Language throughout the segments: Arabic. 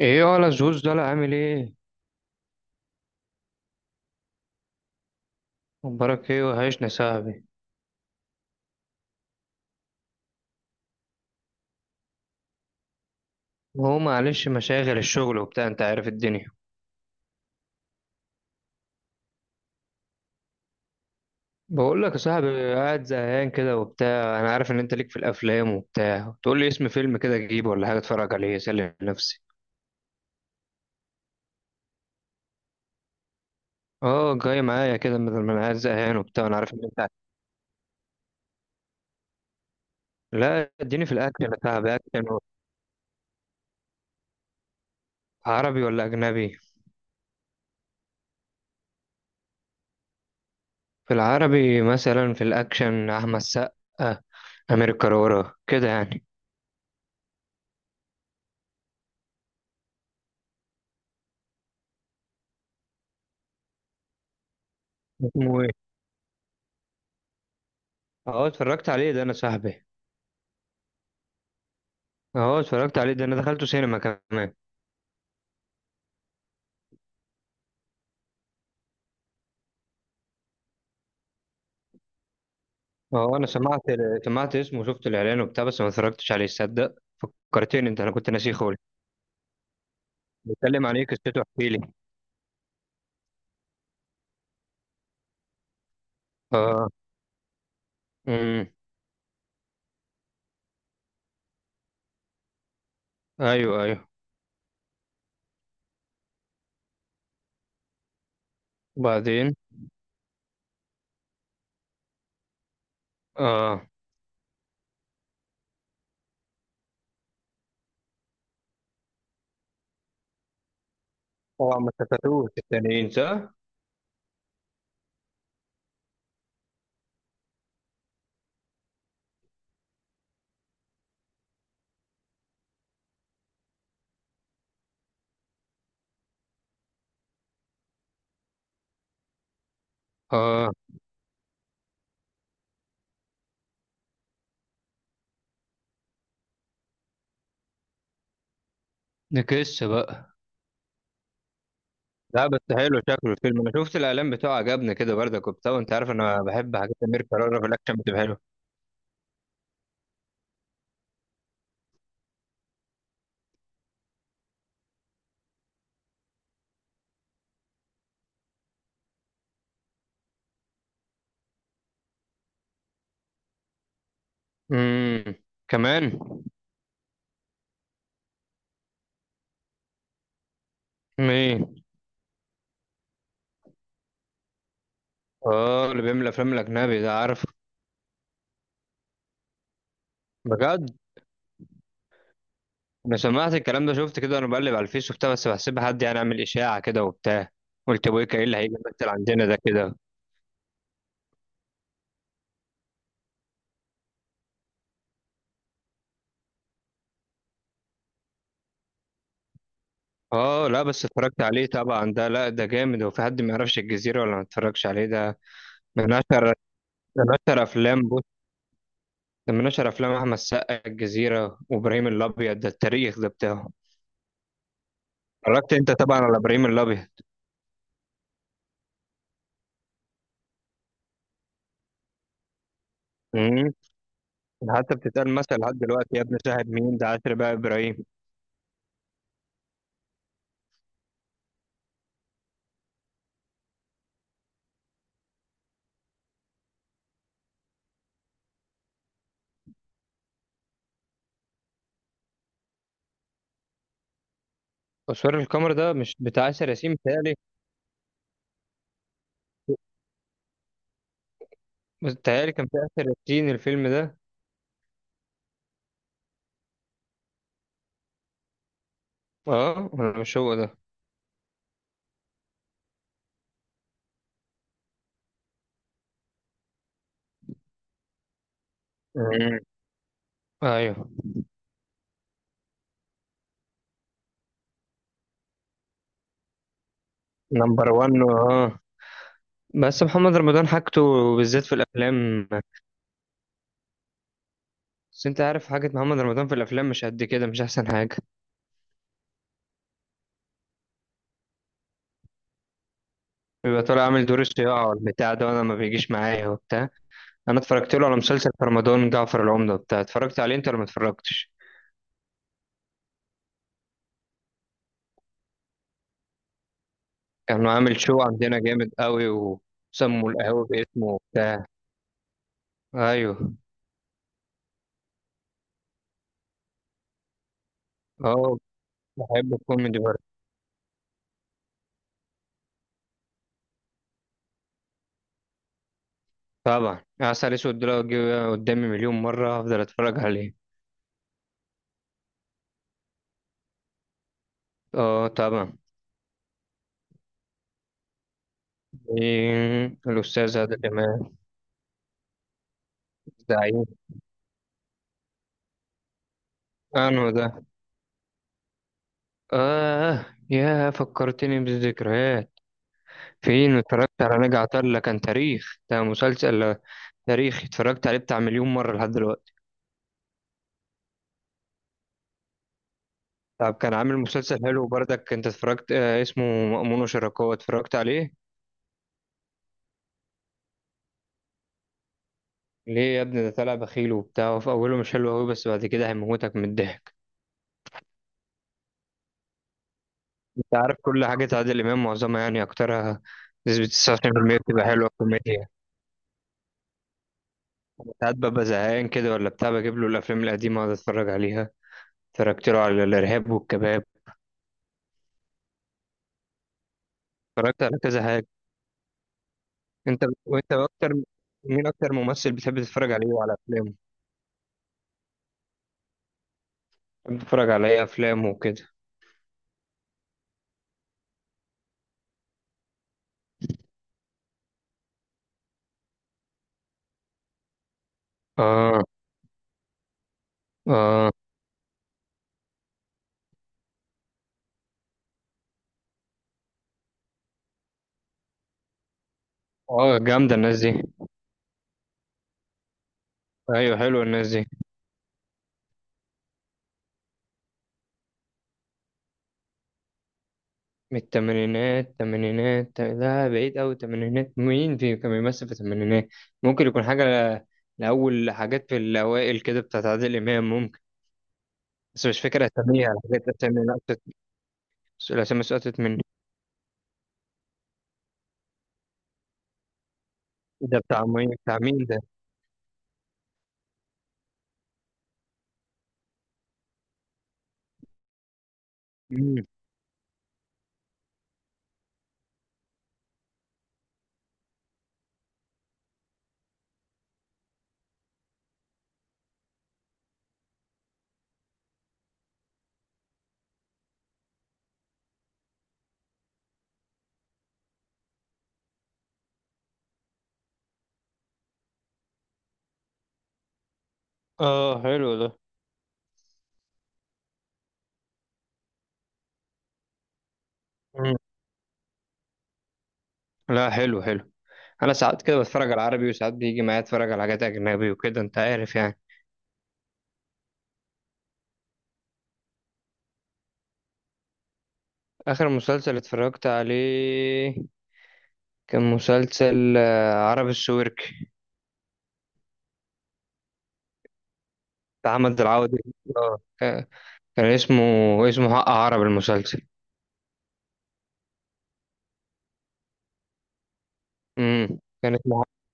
ايه ولا زوز ده، لا عامل ايه؟ مبارك، ايه وحشنا يا صاحبي. هو معلش، مشاغل الشغل وبتاع، انت عارف الدنيا. بقول لك يا صاحبي، قاعد زهقان كده وبتاع، انا عارف ان انت ليك في الافلام وبتاع، تقول لي اسم فيلم كده اجيبه ولا حاجه اتفرج عليه اسلي نفسي. اه، جاي معايا كده بدل ما انا قاعد زهقان وبتاع، انا عارف ان انت. لا اديني في الاكشن يا صاحبي، اكشن عربي ولا اجنبي؟ في العربي مثلا، في الاكشن، احمد سقا، امير كرارة كده يعني. اسمه ايه؟ اه اتفرجت عليه ده انا صاحبي. اه اتفرجت عليه ده، انا دخلته سينما كمان. اه انا سمعت، سمعت اسمه وشفت الاعلان وبتاع، بس ما اتفرجتش عليه، تصدق. فكرتني انت، انا كنت ناسيه خالص. بيتكلم عن ايه؟ قصته احكي لي. اه. امم ايوه ايوه. وبعدين؟ اه طبعا، ما استفادوش التانيين صح. اه. نكس بقى. لا بس حلو شكله الفيلم، انا شفت الاعلان بتاعه عجبني كده برضك وبتاع، وانت عارف انا بحب حاجات امير كرارة في الاكشن بتبقى حلوه. امم كمان؟ مين؟ اه، اللي بيعمل افلام الاجنبي ده، عارف. بجد؟ انا سمعت الكلام ده، شفت كده، انا بقلب على الفيس وبتاع بس بحسبها حد يعني عامل اشاعه كده وبتاع. قلت ابو ايه اللي هيجي يمثل عندنا ده كده. اه لا بس اتفرجت عليه طبعا ده، لا ده جامد، هو في حد ما يعرفش الجزيره ولا ما اتفرجش عليه؟ ده من اشهر من اشهر افلام، بص ده من اشهر افلام احمد السقا، الجزيره وابراهيم الابيض، ده التاريخ ده بتاعه. اتفرجت انت طبعا على ابراهيم الابيض. امم حتى بتتقال مثلا لحد دلوقتي، يا ابن شاهد مين ده، عاشر بقى ابراهيم. تصوير القمر ده مش بتاع آسر ياسين، بتهيألي. كان في آسر ياسين الفيلم ده. اه مش هو ده؟ مم. ايوه. نمبر 1، اه. بس محمد رمضان حاجته، بالذات في الافلام. بس انت عارف، حاجة محمد رمضان في الافلام مش قد كده، مش احسن حاجة. بيبقى طالع عامل دور الصياعة والبتاع ده، وانا ما بيجيش معايا وبتاع. انا اتفرجت له على مسلسل في رمضان، جعفر العمدة بتاع، اتفرجت عليه انت ولا ما اتفرجتش؟ كان عامل شو عندنا جامد قوي، وسموا القهوة باسمه وبتاع. ايوه. اه، بحب الكوميدي برضه. طبعا عسل اسود ده لو جه قدامي مليون مرة هفضل اتفرج عليه. اه طبعا. إيه، الأستاذ عادل إمام. زعيم. أنو ده؟ آه يا فكرتني بالذكريات. فين اتفرجت على نجا عطلة، كان تاريخ ده مسلسل تاريخ، اتفرجت عليه بتاع مليون مرة لحد دلوقتي. طب كان عامل مسلسل حلو برضك، أنت اتفرجت آه اسمه مأمون وشركاه، اتفرجت عليه؟ ليه يا ابني؟ ده طلع بخيل وبتاع في أوله، مش حلو أوي بس بعد كده هيموتك من الضحك. أنت عارف كل حاجة عادل إمام، معظمها يعني أكترها، نسبة 99% بتبقى حلوة كوميديا. ساعات ببقى زهقان كده ولا بتاع، بجيب له الافلام القديمه اقعد اتفرج عليها. اتفرجت له على الارهاب والكباب، اتفرجت على كذا حاجه. انت، وانت اكتر. مين اكتر ممثل بتحب تتفرج عليه وعلى افلامه؟ بتحب تتفرج على ايه افلامه وكده؟ اه. اه. اه جامده الناس دي. ايوه حلوه الناس دي. من الثمانينات؟ الثمانينات لا بعيد قوي، الثمانينات مين في كان بيمثل في الثمانينات؟ ممكن يكون حاجه ل- لأول حاجات في الأوائل كده بتاعت عادل إمام ممكن، بس مش فاكر أساميها الحاجات، أسامي الأسامي سقطت مني. إيه ده؟ بتاع مين ده؟ مم. اه حلو ده. مم. لا حلو حلو. انا ساعات كده بتفرج على عربي، وساعات بيجي معايا اتفرج على حاجات اجنبي وكده، انت عارف يعني. اخر مسلسل اتفرجت عليه، كان مسلسل آه، عربي السويرك، بتاع احمد العوضي. اه كان اسمه حق عرب المسلسل. امم كان اسمه حق-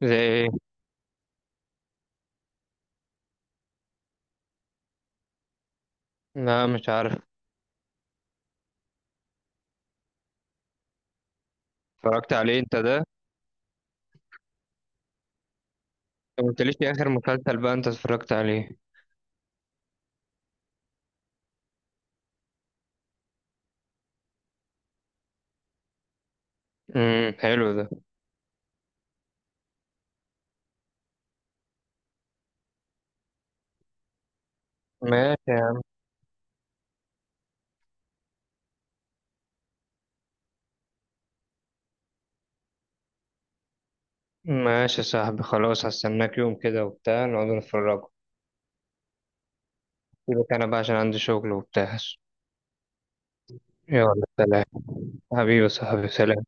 زي ايه؟ لا مش عارف. اتفرجت عليه انت ده انت؟ ما قلتليش إيه اخر مسلسل بقى انت اتفرجت عليه. حلو ده. ماشي. ماشي يا صاحبي، خلاص هستناك يوم كده وبتاع، نقعد نتفرجوا. سيبك انا بقى عشان عندي شغل وبتاع. يلا. سلام. حبيبي يا صاحبي، سلام.